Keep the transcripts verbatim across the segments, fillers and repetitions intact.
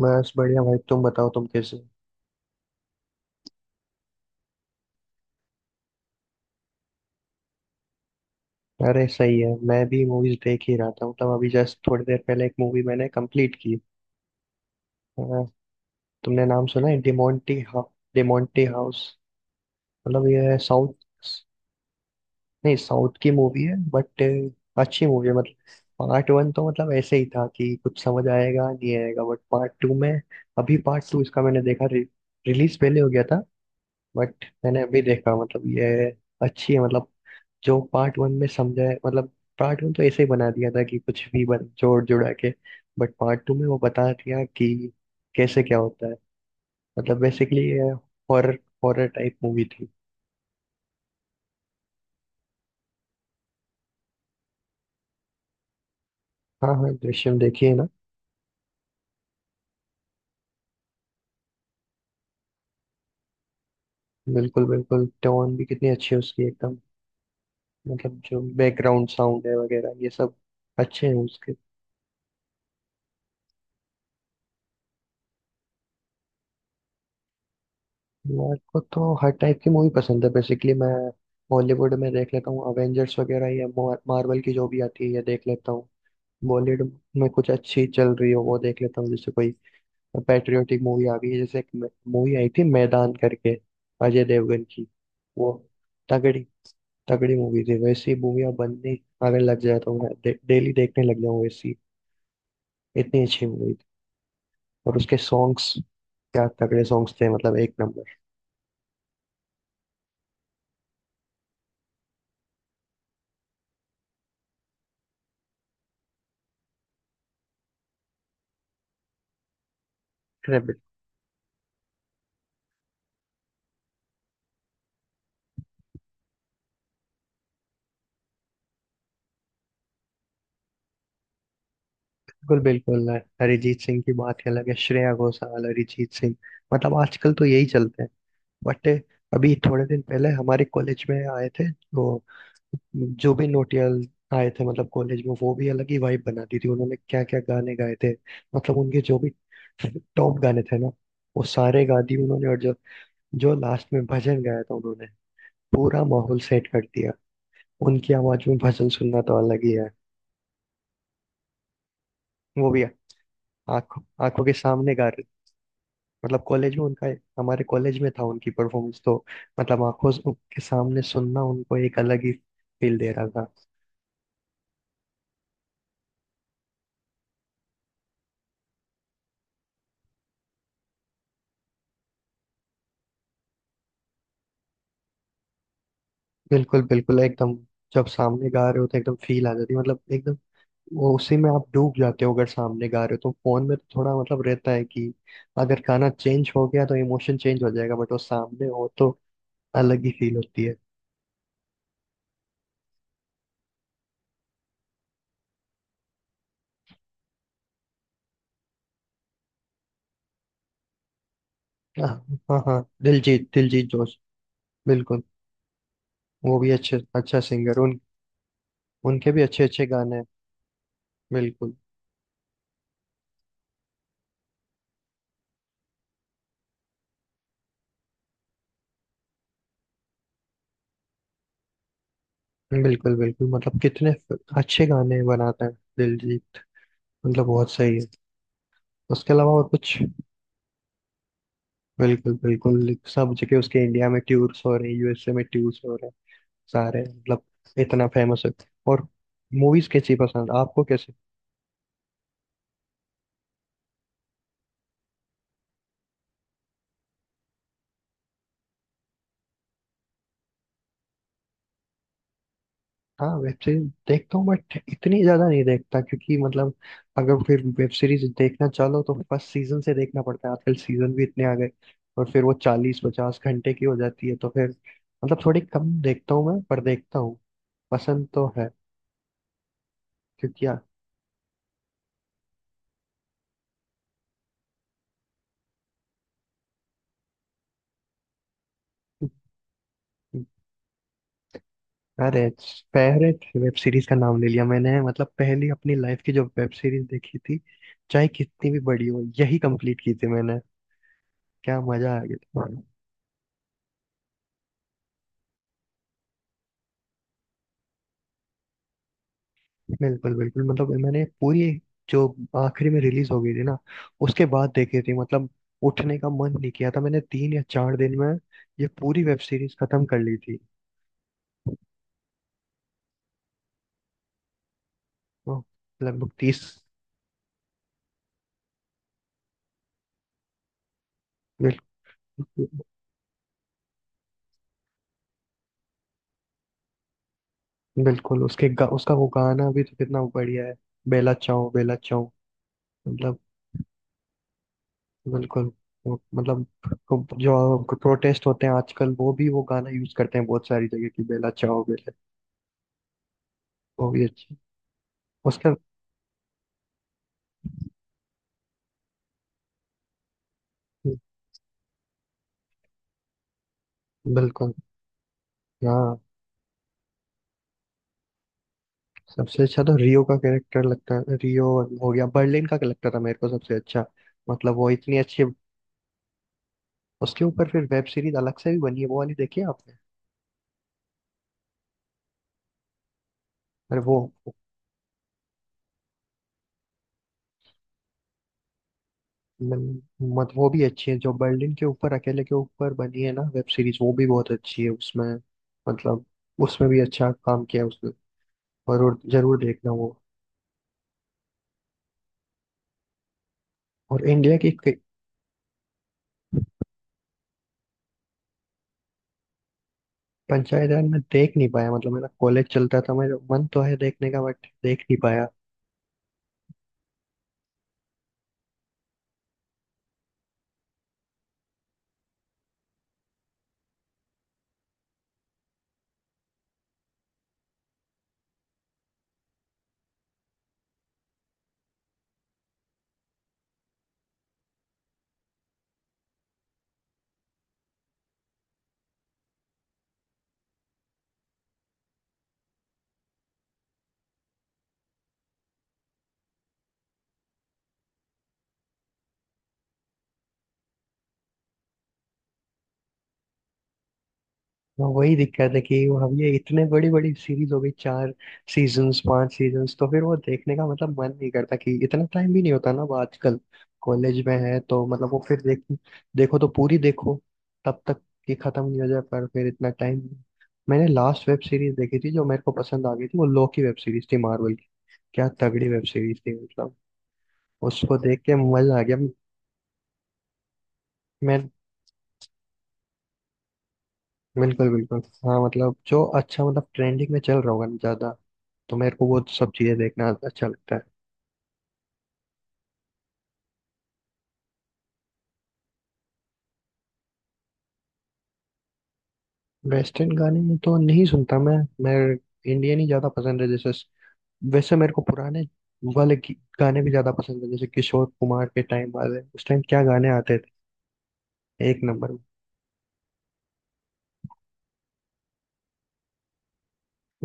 बस बढ़िया भाई। तुम बताओ, तुम कैसे हो? अरे सही है, मैं भी मूवीज देख ही रहा था। मतलब अभी जस्ट थोड़ी देर पहले एक मूवी मैंने कंप्लीट की। अ, तुमने नाम सुना है डिमोंटी हाउ? डिमोंटी हाउस। मतलब ये साउथ, नहीं साउथ की मूवी है बट अच्छी मूवी है। मतलब पार्ट वन तो मतलब ऐसे ही था कि कुछ समझ आएगा नहीं आएगा, बट पार्ट टू में, अभी पार्ट टू इसका मैंने देखा। रि, रिलीज पहले हो गया था बट मैंने अभी देखा। मतलब ये अच्छी है। मतलब जो पार्ट वन में समझा है, मतलब पार्ट वन तो ऐसे ही बना दिया था कि कुछ भी बन, जोड़ जुड़ा के। बट पार्ट टू में वो बता दिया कि कैसे क्या होता है। मतलब बेसिकली ये हॉरर हॉरर टाइप मूवी थी। हाँ हाँ, दृश्यम देखिए ना। बिल्कुल बिल्कुल, टोन भी कितनी अच्छी है उसकी एकदम। मतलब जो बैकग्राउंड साउंड है वगैरह ये सब अच्छे हैं उसके। मेरे को तो हर टाइप की मूवी पसंद है। बेसिकली मैं बॉलीवुड में देख लेता हूँ, अवेंजर्स वगैरह या मार्वल की जो भी आती है ये देख लेता हूँ। बॉलीवुड में कुछ अच्छी चल रही हो वो देख लेता हूँ। जैसे कोई पैट्रियोटिक मूवी आ गई है, जैसे एक मूवी आई थी मैदान करके, अजय देवगन की। वो तगड़ी तगड़ी मूवी थी। वैसी मूवी अब बनने अगर लग जाए तो मैं डे, डेली देखने लग जाऊँ। वैसी इतनी अच्छी मूवी थी। और उसके सॉन्ग्स, क्या तगड़े सॉन्ग्स थे। मतलब एक नंबर। बिल्कुल बिल्कुल। अरिजीत सिंह की बात ही अलग है। श्रेया घोषाल, अरिजीत सिंह, मतलब आजकल तो यही चलते हैं। बट अभी थोड़े दिन पहले हमारे कॉलेज में आए थे वो, जो भी नोटियाल आए थे मतलब कॉलेज में, वो भी अलग ही वाइब बना दी थी उन्होंने। क्या क्या गाने गाए थे। मतलब उनके जो भी टॉप गाने थे ना, वो सारे गा दिए उन्होंने। और जो जो लास्ट में भजन गाया था उन्होंने, पूरा माहौल सेट कर दिया। उनकी आवाज में भजन सुनना तो अलग ही है। वो भी आंखों आंखों के सामने गा, मतलब कॉलेज में उनका, हमारे कॉलेज में था उनकी परफॉर्मेंस तो, मतलब आंखों से- के सामने सुनना उनको एक अलग ही फील दे रहा था। बिल्कुल बिल्कुल एकदम। जब सामने गा रहे हो तो एकदम फील आ जाती है। मतलब एकदम वो उसी में आप डूब जाते हो। अगर सामने गा रहे हो तो, फोन में तो थोड़ा मतलब रहता है कि अगर गाना चेंज हो गया तो इमोशन चेंज हो जाएगा, बट वो सामने हो तो अलग ही फील होती है। हाँ हाँ हाँ, दिलजीत, दिलजीत जोश, बिल्कुल। वो भी अच्छे अच्छा सिंगर, उन उनके भी अच्छे अच्छे गाने हैं। बिल्कुल बिल्कुल बिल्कुल। मतलब कितने फ- अच्छे गाने बनाता है दिलजीत। मतलब बहुत सही है। उसके अलावा और कुछ? बिल्कुल बिल्कुल, सब जगह उसके, इंडिया में टूर्स हो रहे हैं, यूएसए में टूर्स हो रहे हैं सारे। मतलब इतना फेमस है। और मूवीज कैसी पसंद आपको, कैसे? हाँ, वेब सीरीज देखता हूँ बट इतनी ज्यादा नहीं देखता, क्योंकि मतलब अगर फिर वेब सीरीज देखना चाहो तो फर्स्ट सीजन से देखना पड़ता है। आजकल सीजन भी इतने आ गए और फिर वो चालीस पचास घंटे की हो जाती है, तो फिर मतलब थोड़ी कम देखता हूँ मैं, पर देखता हूँ, पसंद तो है। क्योंकि आ- अरे फेवरेट वेब सीरीज का नाम ले लिया मैंने। मतलब पहली अपनी लाइफ की जो वेब सीरीज देखी थी, चाहे कितनी भी बड़ी हो, यही कंप्लीट की थी मैंने। क्या मजा आ गया था। बिल्कुल बिल्कुल। मतलब मैंने पूरी, जो आखिरी में रिलीज हो गई थी ना, उसके बाद देखी थी। मतलब उठने का मन नहीं किया था मैंने। तीन या चार दिन में ये पूरी वेब सीरीज खत्म कर ली थी। ओह, लगभग तीस। बिल्कुल बिल्कुल। उसके गा, उसका वो गाना भी तो कितना बढ़िया है, बेला चाओ बेला चाओ। मतलब बिल्कुल। वो- मतलब को- जो प्रोटेस्ट होते हैं आजकल, वो भी वो गाना यूज करते हैं बहुत सारी जगह की, बेला चाओ बेला। वो भी अच्छी। उसका बिल्कुल। हाँ, सबसे अच्छा तो रियो का कैरेक्टर लगता है। रियो हो गया, बर्लिन का लगता था मेरे को सबसे अच्छा। मतलब वो इतनी अच्छी, उसके ऊपर फिर वेब सीरीज अलग से भी बनी है, वो वाली देखी है आपने? अरे वो, मन- मत वो भी अच्छी है जो बर्लिन के ऊपर अकेले के ऊपर बनी है ना वेब सीरीज, वो भी बहुत अच्छी है उसमें। मतलब उसमें भी अच्छा काम किया है उसने। जरूर जरूर देखना वो। और इंडिया की कई- पंचायत राज में देख नहीं पाया। मतलब मेरा कॉलेज चलता था, मेरा मन तो है देखने का बट देख नहीं पाया। तो वही दिक्कत है कि अब ये इतने बड़ी बड़ी सीरीज हो गई, चार सीजन्स पांच सीजन्स, तो फिर वो देखने का मतलब मन नहीं करता कि इतना टाइम भी नहीं होता ना वो। आजकल कॉलेज में है तो मतलब वो फिर देख, देखो तो पूरी देखो, तब तक कि खत्म नहीं हो जाए। पर फिर इतना टाइम, मैंने लास्ट वेब सीरीज देखी थी जो मेरे को पसंद आ गई थी, वो लोकी वेब सीरीज थी मार्वल की। क्या तगड़ी वेब सीरीज थी। मतलब उसको देख के मजा आ गया। मैं बिल्कुल बिल्कुल। हाँ मतलब जो अच्छा मतलब ट्रेंडिंग में चल रहा होगा ना ज्यादा, तो मेरे को वो सब चीजें देखना अच्छा लगता है। वेस्टर्न गाने तो नहीं सुनता मैं। मैं इंडियन ही ज्यादा पसंद है। जैसे, वैसे मेरे को पुराने वाले गी- गाने भी ज्यादा पसंद है। जैसे किशोर कुमार के टाइम वाले, उस टाइम क्या गाने आते थे, एक नंबर।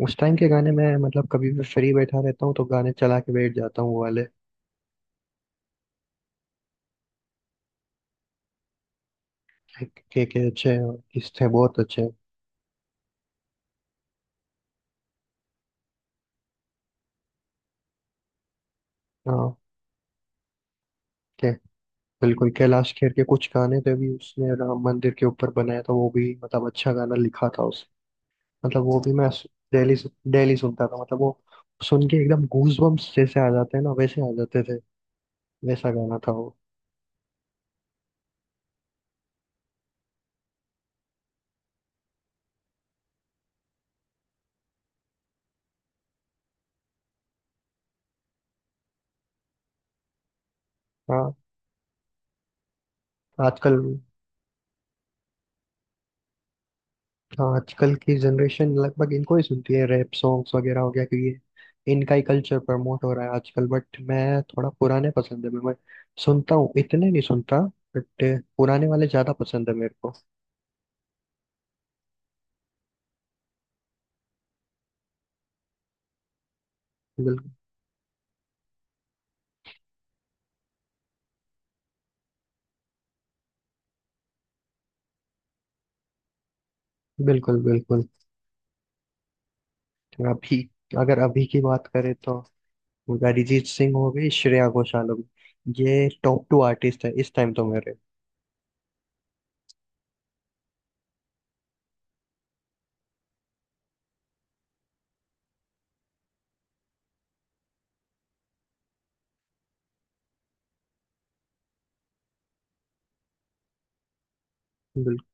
उस टाइम के गाने मैं, मतलब कभी भी फ्री बैठा रहता हूँ तो गाने चला के बैठ जाता हूँ वो वाले। के के अच्छे हैं, और किस थे बहुत अच्छे हैं। हाँ के, बिल्कुल। कैलाश खेर के कुछ गाने थे भी, उसने राम मंदिर के ऊपर बनाया था, वो भी मतलब अच्छा गाना लिखा था उसने। मतलब वो भी मैं डेली डेली सुनता था। मतलब वो सुन के एकदम गूज बम्स जैसे आ जाते हैं ना, वैसे आ जाते थे। वैसा गाना था वो। हाँ आजकल, हाँ आजकल की जनरेशन लगभग इनको ही सुनती है, रैप सॉन्ग्स वगैरह हो गया, कि ये इनका ही कल्चर प्रमोट हो रहा है आजकल। बट मैं थोड़ा पुराने पसंद है। मैं मैं सुनता हूँ, इतने नहीं सुनता बट पुराने वाले ज्यादा पसंद है मेरे को। बिल्कुल बिल्कुल बिल्कुल। अभी अगर अभी की बात करें तो अरिजीत सिंह हो गई, श्रेया घोषाल हो गई, ये टॉप टू आर्टिस्ट है इस टाइम तो मेरे। बिल्कुल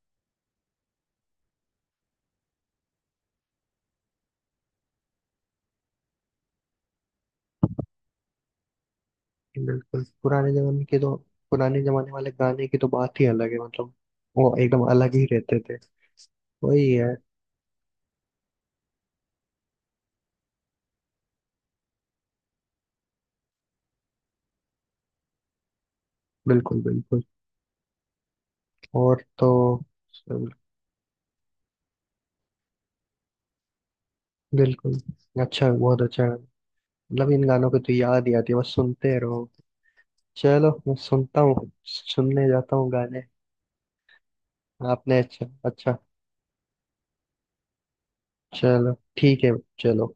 बिल्कुल। पुराने जमाने के तो, पुराने जमाने वाले गाने की तो बात ही अलग है। मतलब वो एकदम अलग ही रहते थे। वही है, बिल्कुल बिल्कुल। और तो बिल्कुल। अच्छा बहुत अच्छा है। मतलब इन गानों को तो याद ही आती है, बस सुनते रहो। चलो मैं सुनता हूँ, सुनने जाता हूँ गाने। आपने अच्छा अच्छा। चलो ठीक है। चलो।